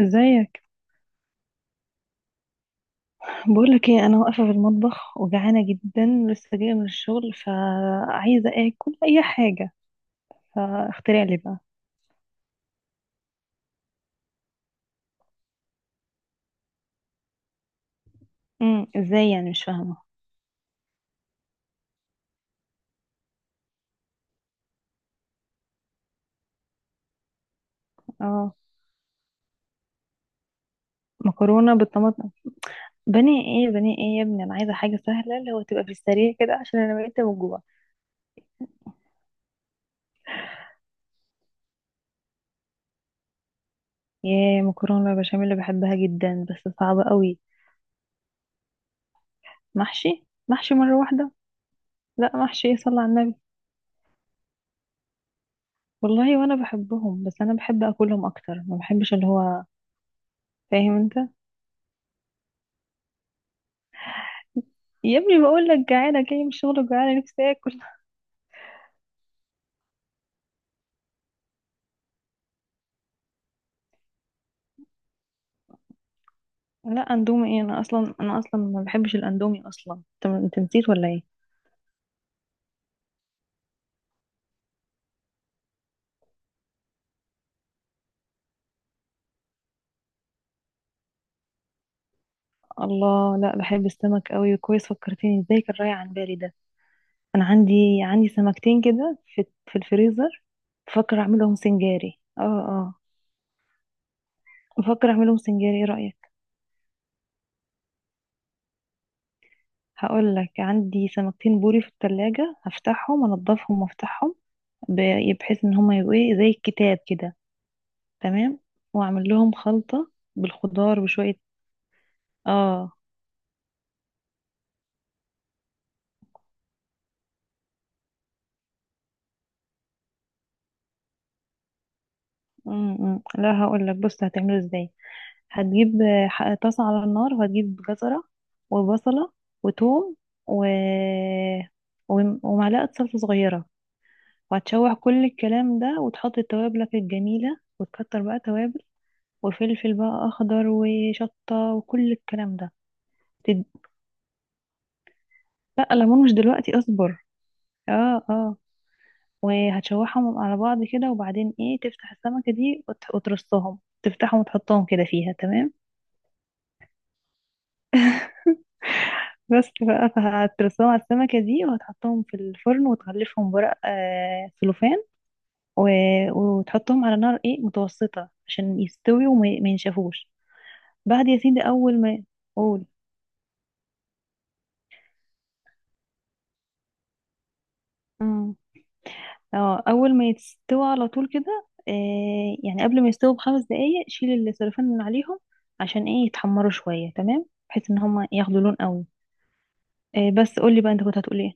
ازيك؟ بقولك ايه، انا واقفه في المطبخ وجعانه جدا. لسه جايه من الشغل فعايزه اكل اي حاجه. فاخترع لي بقى. ازاي يعني؟ مش فاهمه. اه. مكرونه بالطماطم؟ بني ايه بني ايه يا ابني، انا عايزه حاجه سهله اللي هو تبقى في السريع كده عشان انا بقيت من جوع. ياه، مكرونه بشاميل اللي بحبها جدا بس صعبه قوي. محشي محشي مره واحده. لا محشي إيه، صلى على النبي. والله وانا بحبهم، بس انا بحب اكلهم اكتر، ما بحبش اللي هو، فاهم انت. يا ابني بقول لك جعانه، جايه من الشغل وجعانه، نفسي اكل. لا اندومي ايه؟ انا اصلا ما بحبش الاندومي اصلا. انت نسيت ولا ايه؟ الله، لا بحب السمك قوي، كويس فكرتني، ازاي كان رايح عن بالي ده. انا عندي سمكتين كده في الفريزر. بفكر اعملهم سنجاري، اه اه. بفكر اعملهم سنجاري، ايه رايك؟ هقول لك، عندي سمكتين بوري في التلاجة، هفتحهم انضفهم وافتحهم بحيث ان هما يبقوا ايه، زي الكتاب كده. تمام. واعمل لهم خلطة بالخضار بشوية. اه. أمم. لا هقول لك، بص هتعمله ازاي. هتجيب طاسه على النار، وهتجيب جزره وبصله وثوم و... ومعلقه صلصه صغيره، وهتشوح كل الكلام ده وتحط توابلك الجميله وتكتر بقى توابل، وفلفل بقى اخضر وشطه وكل الكلام ده. تد- بقى ليمون مش دلوقتي، اصبر. اه اه. وهتشوحهم على بعض كده، وبعدين ايه، تفتح السمكه دي وترصهم، تفتحهم وتحطهم كده فيها، تمام. بس بقى، فهترصهم على السمكة دي وهتحطهم في الفرن، وتغلفهم بورق سلوفان و... وتحطهم على نار ايه، متوسطة عشان يستوي، ما ينشفوش. بعد يا سيدي أول ما... قول. امم اه، أول ما يستوي على طول كده، يعني قبل ما يستوي بخمس دقايق شيل السلوفان من عليهم عشان ايه يتحمروا شوية، تمام. بحيث ان هما ياخدوا لون قوي. بس قولي بقى، انت كنت هتقول ايه؟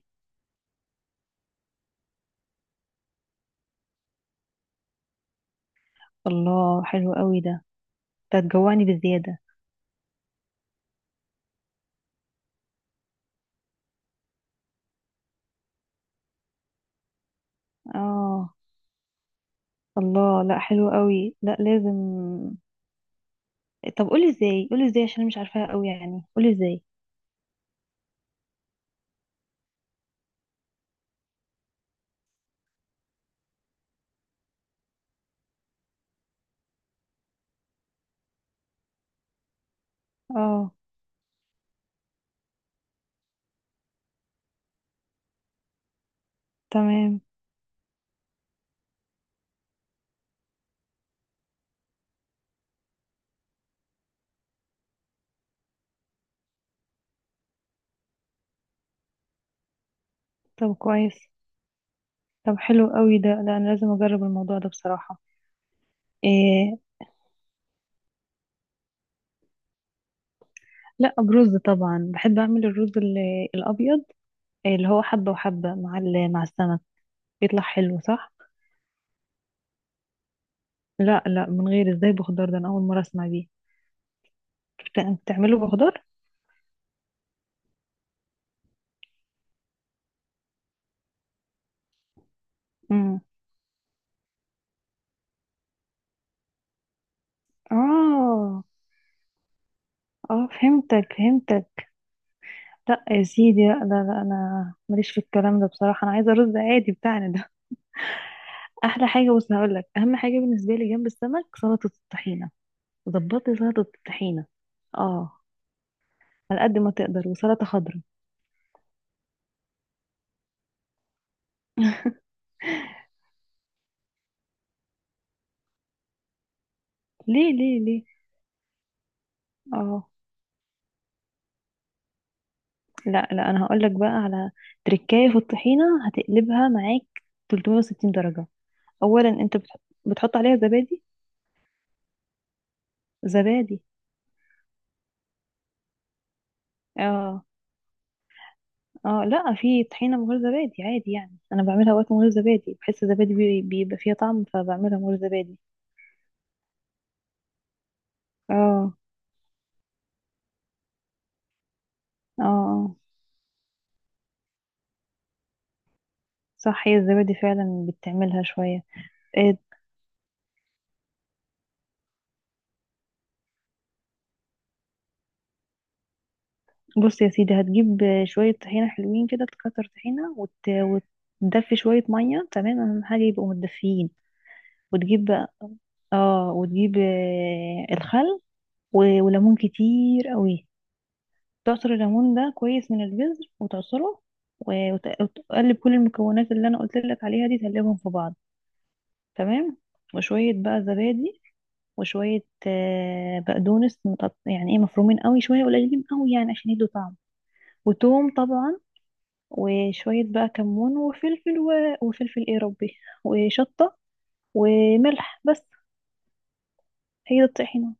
الله حلو قوي ده. ده هتجوعني بالزيادة. اه. الله، لا حلو قوي، لا لازم. طب قولي ازاي، قولي ازاي عشان أنا مش عارفاها قوي يعني، قولي ازاي. اه. تمام. طب كويس. طب حلو قوي ده، لا انا لازم اجرب الموضوع ده بصراحة. إيه؟ لا برز طبعا، بحب اعمل الرز الابيض، اللي هو حبة وحبة مع مع السمك، بيطلع حلو صح. لا لا، من غير، ازاي بخضار؟ ده انا اول مرة اسمع بيه. بتعمله بخضار؟ امم اه اه، فهمتك فهمتك. لا يا سيدي، لا لا لا، انا ماليش في الكلام ده بصراحه، انا عايزه رز عادي بتاعنا ده. احلى حاجه، بص هقول لك، اهم حاجه بالنسبه لي جنب السمك، سلطه الطحينه. ظبطي سلطه الطحينه. اه. على قد ما تقدر، وسلطه خضراء. ليه ليه ليه. اه. لا لا، انا هقول لك بقى على تركايه في الطحينه، هتقلبها معاك 360 درجه. اولا انت بتحط عليها زبادي. زبادي. اه اه. لا، في طحينة من غير زبادي عادي يعني، انا بعملها وقت من غير زبادي، بحس الزبادي بيبقى فيها طعم، فبعملها من غير زبادي. اه اه. آه. صح، هي الزبادي فعلا بتعملها شوية. آه، بص يا سيدي، هتجيب شوية طحينة حلوين كده، تكتر طحينة وتدفي شوية مية، تمام، أهم حاجة يبقوا متدفيين. وتجيب بقى- اه وتجيب الخل وليمون كتير قوي، تعصر الليمون ده كويس من البذر وتعصره، وتقلب كل المكونات اللي انا قلت لك عليها دي، تقلبهم في بعض، تمام. وشويه بقى زبادي، وشويه بقدونس يعني ايه، مفرومين قوي، شويه قليلين قوي يعني عشان يدوا طعم، وتوم طبعا، وشويه بقى كمون وفلفل وفلفل ايه، ربي، وشطه، وملح بس. هي دي الطحينه.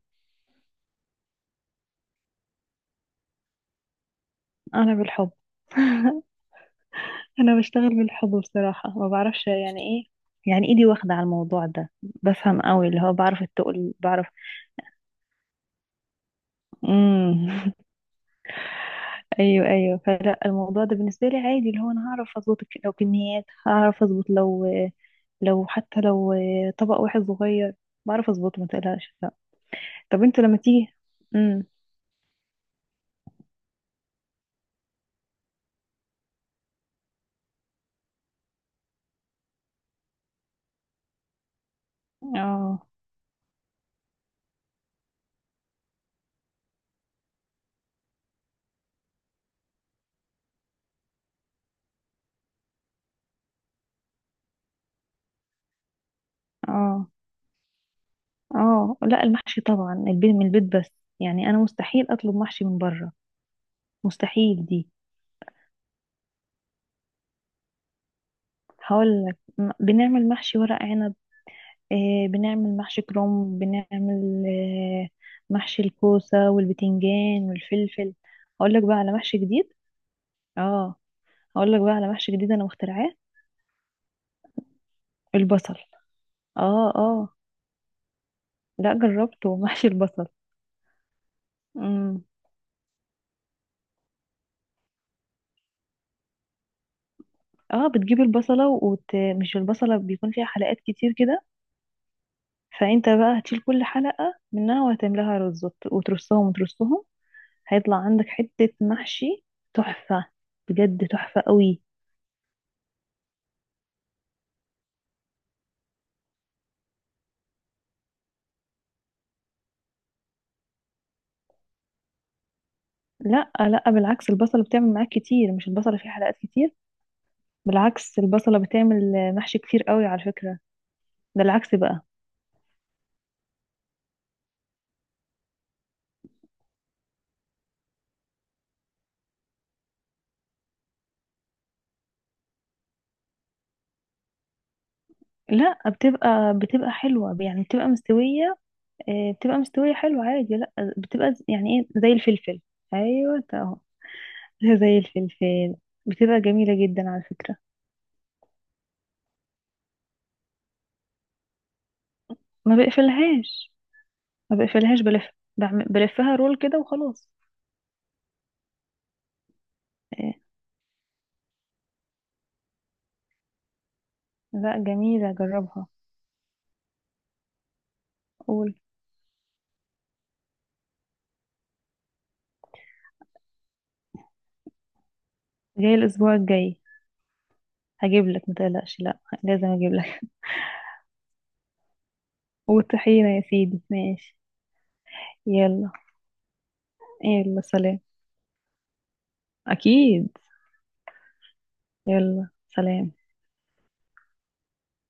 انا بالحب. انا بشتغل بالحضور صراحة، ما بعرفش يعني ايه، يعني ايدي واخدة على الموضوع ده، بفهم قوي اللي هو، بعرف التقل بعرف. امم ايوه ايوه، فلا الموضوع ده بالنسبة لي عادي، اللي هو انا هعرف اظبط لو كميات، هعرف اظبط، لو حتى لو طبق واحد صغير بعرف اظبطه، ما تقلقش، لا. طب انت لما تيجي. امم اه اه اه. لا المحشي طبعا البيت من البيت بس، يعني انا مستحيل اطلب محشي من بره، مستحيل دي. هقول لك، بنعمل محشي ورق عنب، بنعمل محشي كرنب، بنعمل محشي الكوسة والبتنجان والفلفل. هقول لك بقى على محشي جديد. اه. هقول لك بقى على محشي جديد انا مخترعاه. البصل. اه اه. لا جربته. محشي البصل. امم اه، بتجيب البصلة مش البصلة، بيكون فيها حلقات كتير كده، فانت بقى هتشيل كل حلقة منها وهتملاها رز، وترصهم وترصهم. هيطلع عندك حتة محشي تحفة، بجد تحفة قوي. لا لا، بالعكس البصلة بتعمل معاك كتير، مش البصلة فيه حلقات كتير، بالعكس البصلة بتعمل محشي كتير قوي على فكرة، ده العكس بقى. لا بتبقى حلوة يعني، بتبقى مستوية. بتبقى مستوية حلوة عادي، لا. بتبقى يعني ايه، زي الفلفل. ايوه اهو. زي الفلفل. بتبقى جميلة جدا على فكرة. ما بقفلهاش. ما بقفلهاش، بلف. بلفها رول كده وخلاص. آه. لا جميلة، جربها. قول. جاي الاسبوع الجاي. هجيب لك، متقلقش، لا لازم اجيب لك. والطحينة يا سيدي، ماشي. يلا. يلا سلام. اكيد. يلا سلام.